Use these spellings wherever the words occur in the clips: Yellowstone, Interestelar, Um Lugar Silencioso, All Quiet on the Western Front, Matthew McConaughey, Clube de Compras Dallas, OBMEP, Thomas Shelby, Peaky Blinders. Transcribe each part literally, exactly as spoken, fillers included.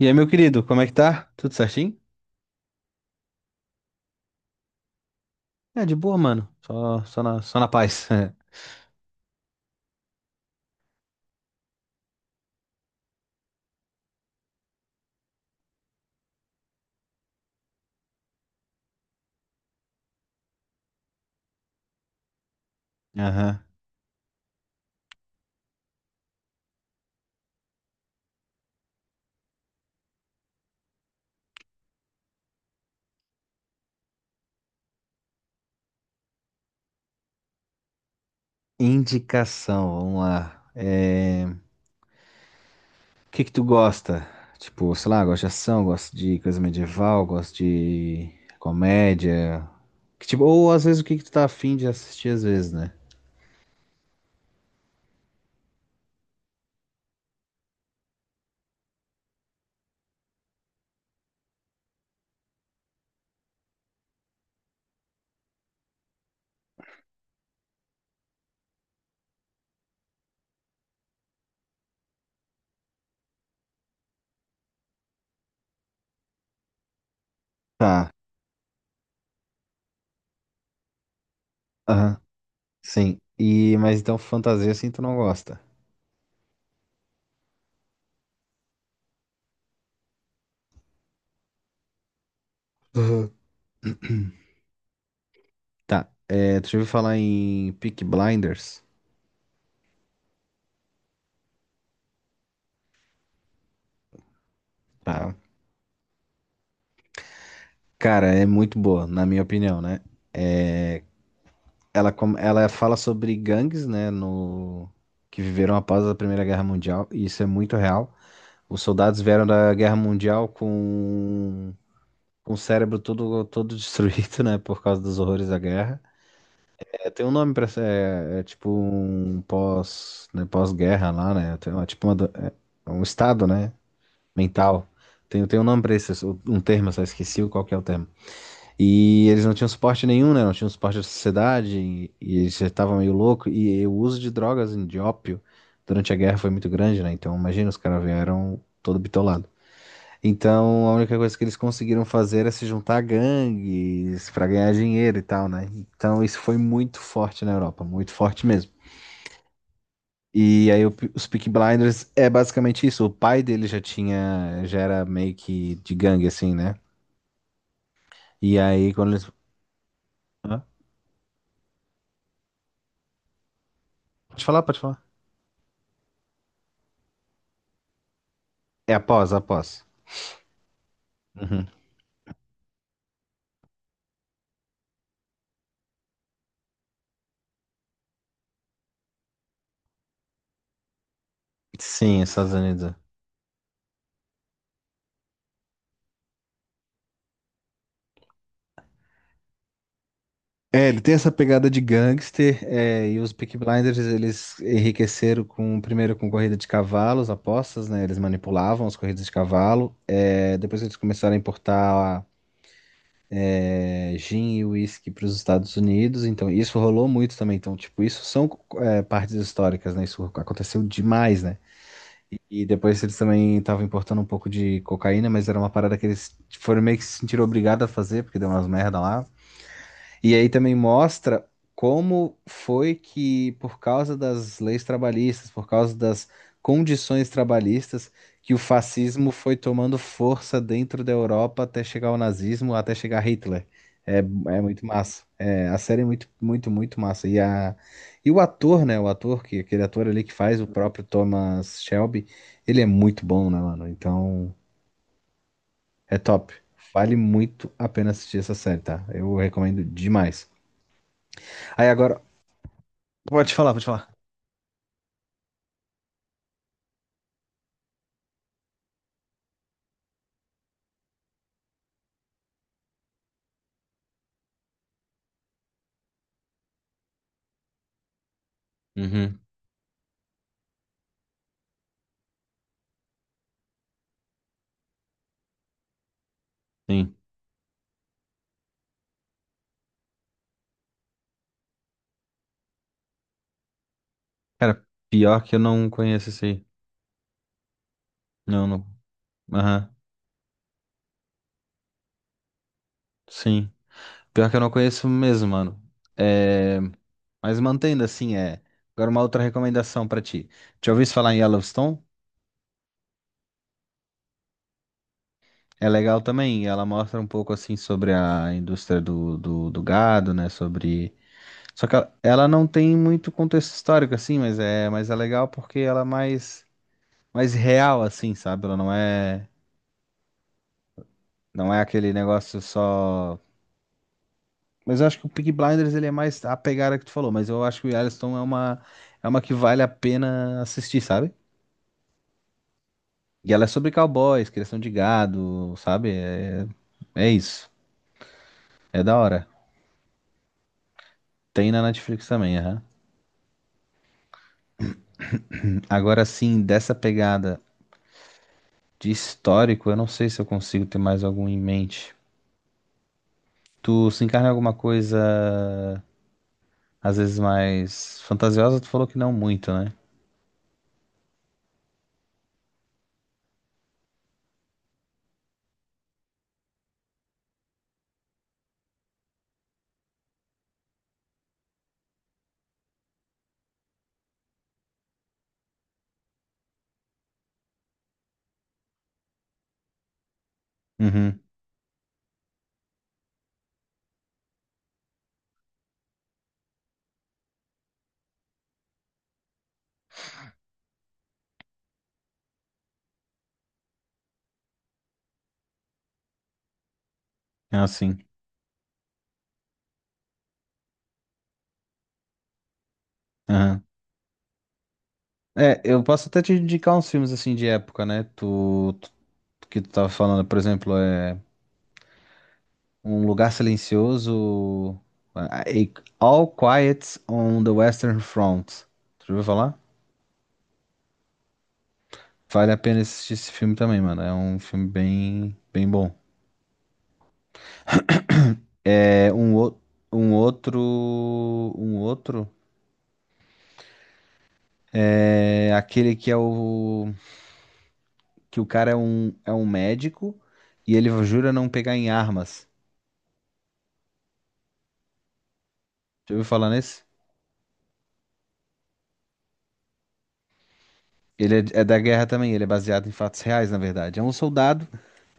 E aí, meu querido, como é que tá? Tudo certinho? É, de boa, mano. Só, só na, só na paz. Aham. Indicação, vamos lá. É, o que que tu gosta? Tipo, sei lá, gosta de ação, gosta de coisa medieval, gosta de comédia. Que tipo, ou às vezes o que que tu tá afim de assistir às vezes, né? Tá. Aham. Sim. E, mas então fantasia assim tu não gosta. Aham. Tá. É, tu já ouviu falar em Peaky Blinders? Tá. Cara, é muito boa, na minha opinião, né? É, ela, com- ela fala sobre gangues, né, no, que viveram após a Primeira Guerra Mundial, e isso é muito real. Os soldados vieram da Guerra Mundial com, com o cérebro todo, todo destruído, né, por causa dos horrores da guerra. É, tem um nome pra essa, é, é tipo um pós, né, pós-guerra lá, né? Tem uma- tipo uma do- é um estado, né, mental. Tem, tem um nome pra isso, um termo, eu só esqueci qual que é o termo. E eles não tinham suporte nenhum, né? Não tinham suporte da sociedade e, e eles já estavam meio louco. E, o uso de drogas, de ópio, durante a guerra foi muito grande, né? Então imagina, os caras vieram todo bitolado. Então a única coisa que eles conseguiram fazer é se juntar a gangues para ganhar dinheiro e tal, né? Então isso foi muito forte na Europa, muito forte mesmo. E aí o- os Peaky Blinders é basicamente isso. O pai dele já tinha, já era meio que de gangue assim, né? E aí quando eles, hã? Pode falar, pode falar. É após, após. Uhum. Sim, Estados Unidos. É, ele tem essa pegada de gangster, é, e os Peaky Blinders eles enriqueceram com, primeiro com corrida de cavalos, apostas, né? Eles manipulavam as corridas de cavalo. É, depois eles começaram a importar é, gin e uísque para os Estados Unidos, então isso rolou muito também. Então, tipo, isso são é, partes históricas, né? Isso aconteceu demais, né? E depois eles também estavam importando um pouco de cocaína, mas era uma parada que eles foram meio que se sentiram obrigados a fazer, porque deu umas merda lá. E aí também mostra como foi que, por causa das leis trabalhistas, por causa das condições trabalhistas, que o fascismo foi tomando força dentro da Europa até chegar ao nazismo, até chegar Hitler. É, é muito massa. É, a série é muito, muito, muito massa. E, a, e o ator, né? O ator, que aquele ator ali que faz o próprio Thomas Shelby, ele é muito bom, né, mano? Então, é top. Vale muito a pena assistir essa série, tá? Eu recomendo demais. Aí agora, pode falar, pode falar. Uhum, sim. Cara, pior que eu não conheço esse aí. Não, não. Aham, sim. Pior que eu não conheço mesmo, mano. É... Mas mantendo assim, é. Agora uma outra recomendação pra ti. Já ouviu falar em Yellowstone? É legal também. Ela mostra um pouco assim sobre a indústria do, do, do gado, né? Sobre. Só que ela, ela não tem muito contexto histórico assim, mas é, mas é legal porque ela é mais, mais real assim, sabe? Ela não é, não é aquele negócio só. Mas eu acho que o Peaky Blinders ele é mais a pegada que tu falou, mas eu acho que o Yellowstone é uma, é uma que vale a pena assistir, sabe? E ela é sobre cowboys, criação de gado, sabe? É, é isso. É da hora. Tem na Netflix também, aham. Agora sim, dessa pegada de histórico, eu não sei se eu consigo ter mais algum em mente. Tu se encarna em alguma coisa, às vezes mais fantasiosa, tu falou que não muito, né? Uhum. É assim. É, eu posso até te indicar uns filmes assim de época, né? Tu, tu- que tu tava falando, por exemplo, é Um Lugar Silencioso, a- a- All Quiet on the Western Front. Tu já ouviu falar? Vale a pena assistir esse filme também, mano. É um filme bem, bem bom. É um, ou- um outro, um outro é aquele que é o que o cara é um é um médico e ele jura não pegar em armas. Já ouviu falar nesse? Ele é, é da guerra também, ele é baseado em fatos reais, na verdade. É um soldado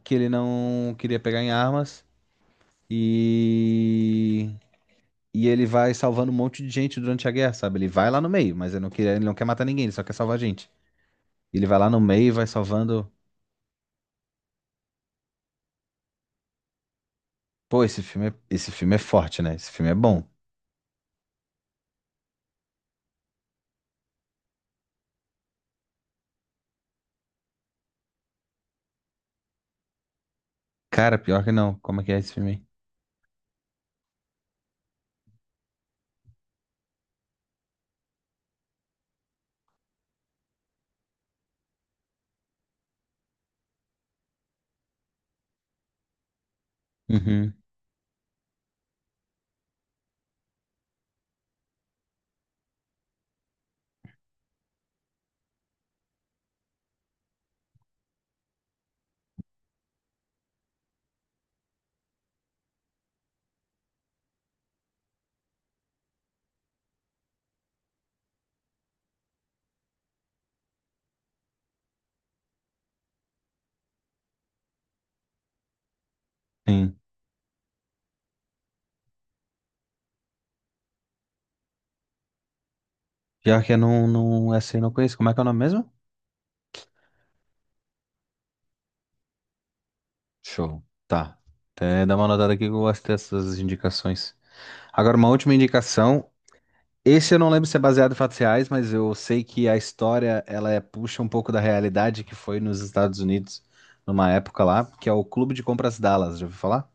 que ele não queria pegar em armas e e ele vai salvando um monte de gente durante a guerra, sabe? Ele vai lá no meio, mas ele não quer, ele não quer matar ninguém, ele só quer salvar gente. Ele vai lá no meio e vai salvando. Pô, esse filme é, esse filme é forte, né? Esse filme é bom. Cara, pior que não. Como é que é esse filme aí? Uhum. Sim. Pior que eu não, não, essa aí eu não conheço. Como é que é o nome mesmo? Show. Tá. Até dá uma notada aqui que eu gosto dessas indicações. Agora, uma última indicação. Esse eu não lembro se é baseado em fatos reais, mas eu sei que a história ela é- puxa um pouco da realidade que foi nos Estados Unidos numa época lá, que é o Clube de Compras Dallas, já ouviu falar?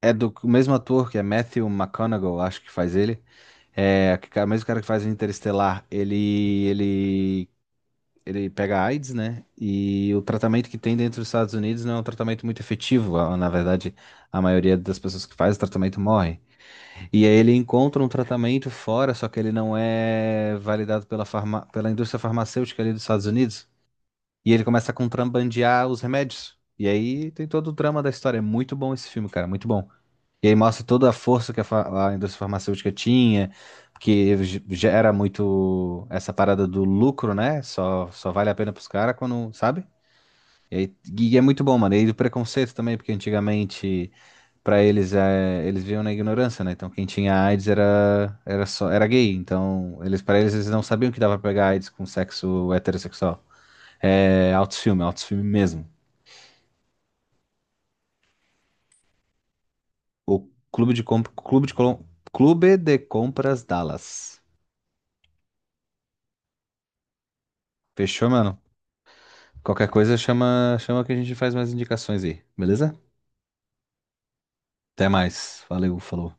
É do o mesmo ator, que é Matthew McConaughey, acho que faz ele. É que- o mesmo cara que faz o Interestelar. Ele, ele, ele pega AIDS, né? E o tratamento que tem dentro dos Estados Unidos não é um tratamento muito efetivo. Ah, na verdade, a maioria das pessoas que faz o tratamento morre. E aí ele encontra um tratamento fora, só que ele não é validado pela, farma... pela indústria farmacêutica ali dos Estados Unidos. E ele começa a contrabandear os remédios. E aí tem todo o drama da história. É muito bom esse filme, cara, muito bom. E aí mostra toda a força que a, fa- a indústria farmacêutica tinha, que ge- gera muito essa parada do lucro, né? Só, só vale a pena pros caras quando, sabe? E, aí- e é muito bom, mano. E aí do preconceito também, porque antigamente para eles é, eles viviam na ignorância, né? Então quem tinha AIDS era era só era gay, então eles para eles eles não sabiam que dava pra pegar AIDS com sexo heterossexual. É autofilme, autofilme mesmo. O clube de comp... clube de Colom- clube de compras Dallas. Fechou, mano? Qualquer coisa chama chama que a gente faz mais indicações aí, beleza? Até mais. Valeu, falou.